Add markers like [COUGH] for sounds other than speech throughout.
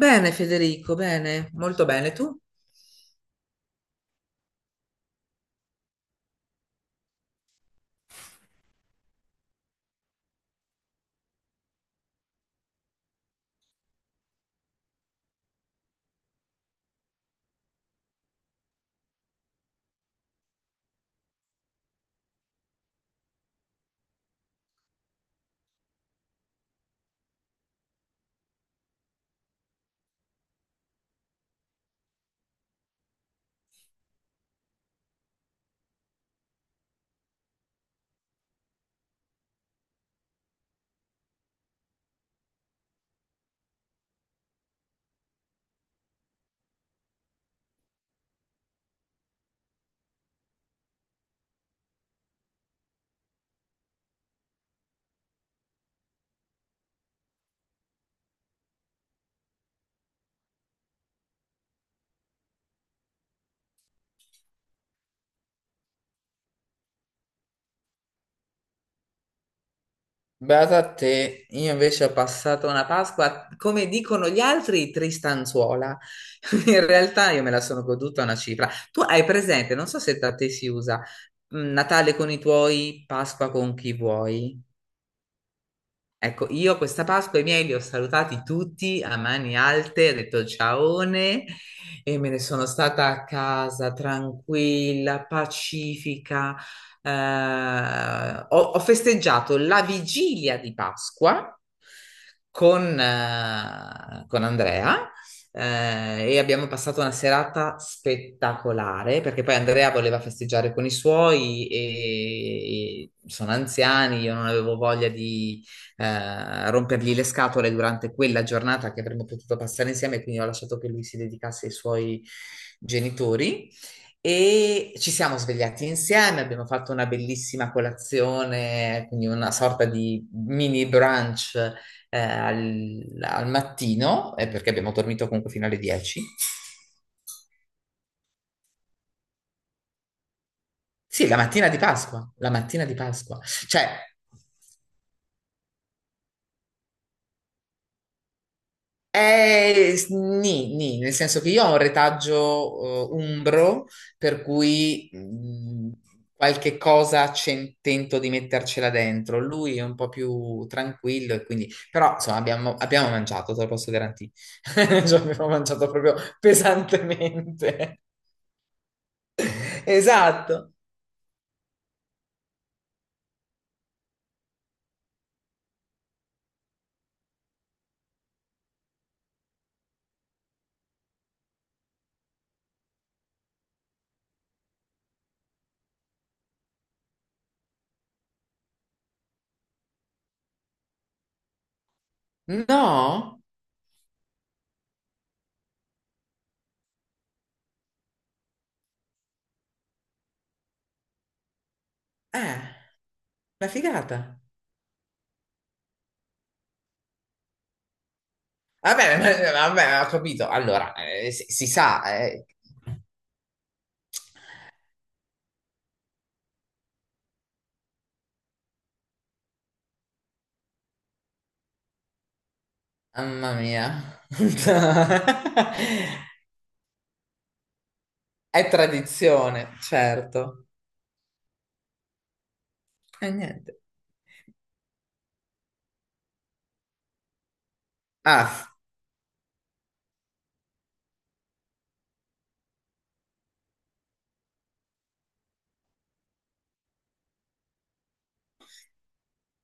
Bene Federico, bene, molto bene. Tu? Beata a te, io invece ho È passato una Pasqua, come dicono gli altri, tristanzuola. [LAUGHS] In realtà io me la sono goduta una cifra. Tu hai presente, non so se da te si usa, Natale con i tuoi, Pasqua con chi vuoi. Ecco, io questa Pasqua i miei li ho salutati tutti a mani alte, ho detto ciaone e me ne sono stata a casa tranquilla, pacifica. Ho festeggiato la vigilia di Pasqua con Andrea. E abbiamo passato una serata spettacolare perché poi Andrea voleva festeggiare con i suoi e sono anziani, io non avevo voglia rompergli le scatole durante quella giornata che avremmo potuto passare insieme, quindi ho lasciato che lui si dedicasse ai suoi genitori. E ci siamo svegliati insieme, abbiamo fatto una bellissima colazione, quindi una sorta di mini brunch al, al mattino, perché abbiamo dormito comunque fino alle 10. Sì, la mattina di Pasqua, la mattina di Pasqua. Cioè, s- nì, nì, nel senso che io ho un retaggio umbro, per cui qualche cosa tento di mettercela dentro. Lui è un po' più tranquillo e quindi. Però, insomma, abbiamo mangiato, te lo posso garantire. [LAUGHS] Cioè, abbiamo mangiato proprio pesantemente. [LAUGHS] Esatto. No? Eh, una figata. Vabbè, [LAUGHS] vabbè, ho capito. Allora, si, si sa, eh. Mamma mia, [LAUGHS] è tradizione, certo. E niente. Ah.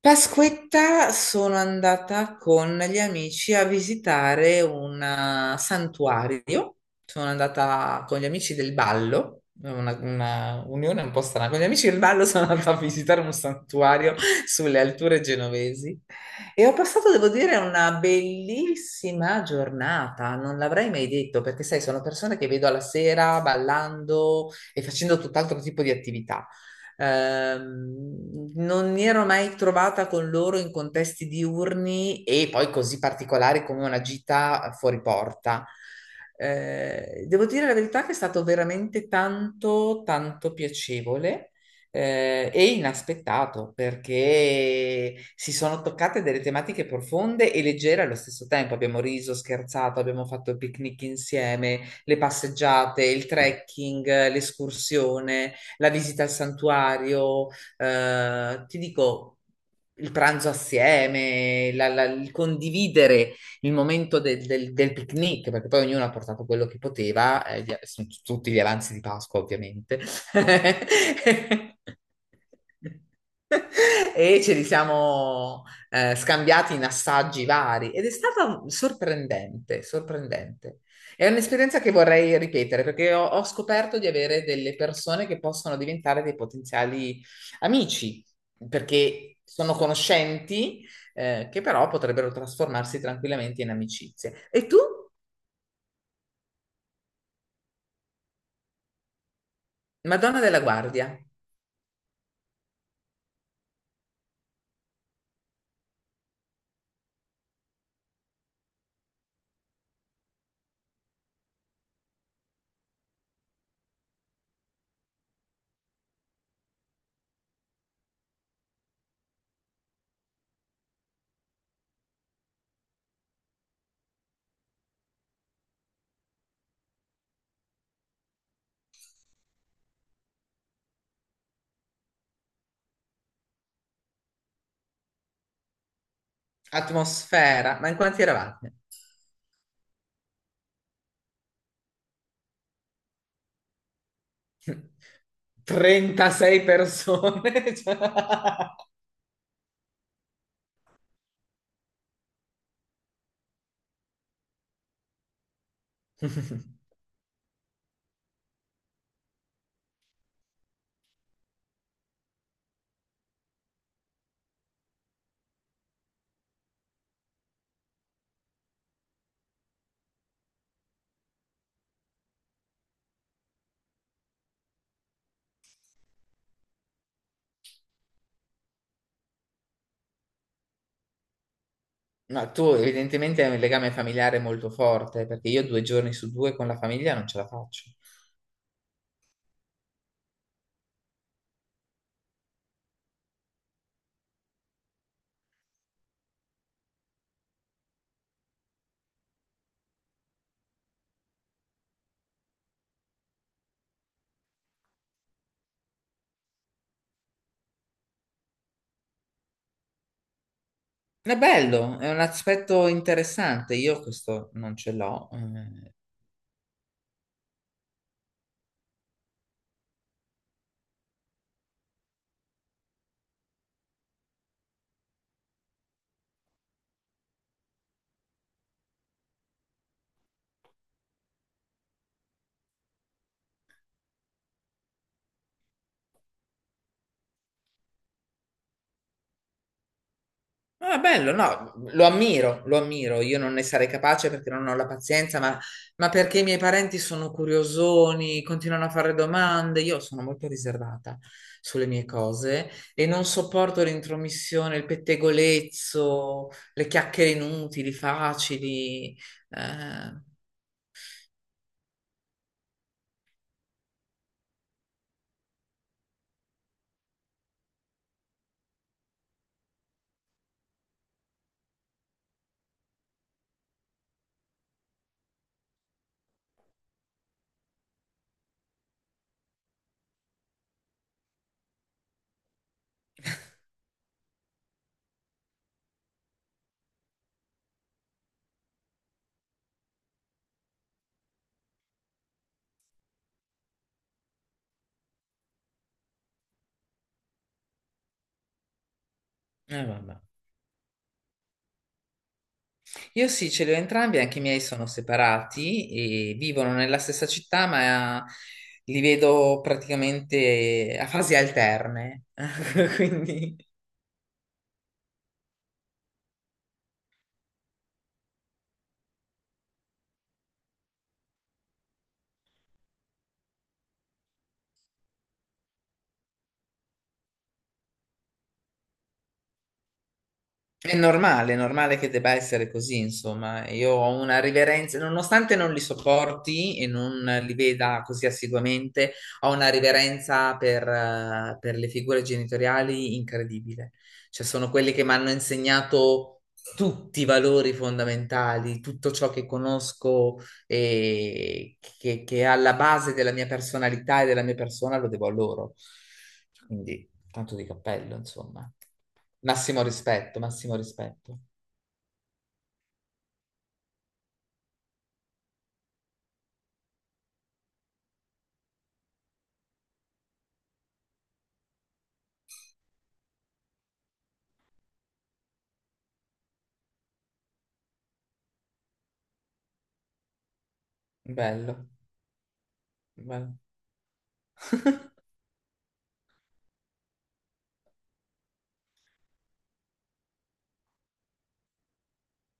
Pasquetta sono andata con gli amici a visitare un santuario. Sono andata con gli amici del ballo, una unione un po' strana. Con gli amici del ballo [LAUGHS] sono andata a visitare un santuario sulle alture genovesi e ho passato, devo dire, una bellissima giornata. Non l'avrei mai detto perché, sai, sono persone che vedo alla sera ballando e facendo tutt'altro tipo di attività. Non mi ero mai trovata con loro in contesti diurni e poi così particolari come una gita fuori porta. Devo dire la verità che è stato veramente tanto, tanto piacevole. E inaspettato perché si sono toccate delle tematiche profonde e leggere allo stesso tempo. Abbiamo riso, scherzato, abbiamo fatto il picnic insieme, le passeggiate, il trekking, l'escursione la visita al santuario, ti dico il pranzo assieme, il condividere il momento del picnic, perché poi ognuno ha portato quello che poteva, sono tutti gli avanzi di Pasqua, ovviamente. [LAUGHS] E ce li siamo scambiati in assaggi vari ed è stata sorprendente, sorprendente. È un'esperienza che vorrei ripetere perché ho scoperto di avere delle persone che possono diventare dei potenziali amici, perché sono conoscenti, che però potrebbero trasformarsi tranquillamente in amicizie. E tu, Madonna della Guardia, atmosfera, ma in quanti eravate? [LAUGHS] 36 persone. [LAUGHS] Cioè. No, tu evidentemente hai un legame familiare molto forte, perché io due giorni su due con la famiglia non ce la faccio. È bello, è un aspetto interessante. Io questo non ce l'ho. Eh. Ma è bello, no, lo ammiro, lo ammiro. Io non ne sarei capace perché non ho la pazienza, ma perché i miei parenti sono curiosoni, continuano a fare domande. Io sono molto riservata sulle mie cose e non sopporto l'intromissione, il pettegolezzo, le chiacchiere inutili, facili. Eh, vabbè. Io sì, ce li ho entrambi, anche i miei sono separati e vivono nella stessa città, ma li vedo praticamente a fasi alterne. [LAUGHS] Quindi è normale, è normale che debba essere così, insomma. Io ho una riverenza, nonostante non li sopporti e non li veda così assiduamente, ho una riverenza per le figure genitoriali incredibile. Cioè, sono quelli che mi hanno insegnato tutti i valori fondamentali, tutto ciò che conosco che è alla base della mia personalità e della mia persona lo devo a loro. Quindi, tanto di cappello, insomma. Massimo rispetto, massimo rispetto. Bello, bello.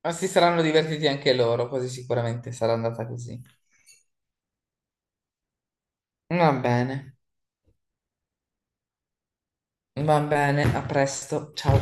Ma si saranno divertiti anche loro, così sicuramente sarà andata così. Va bene, va bene, a presto, ciao.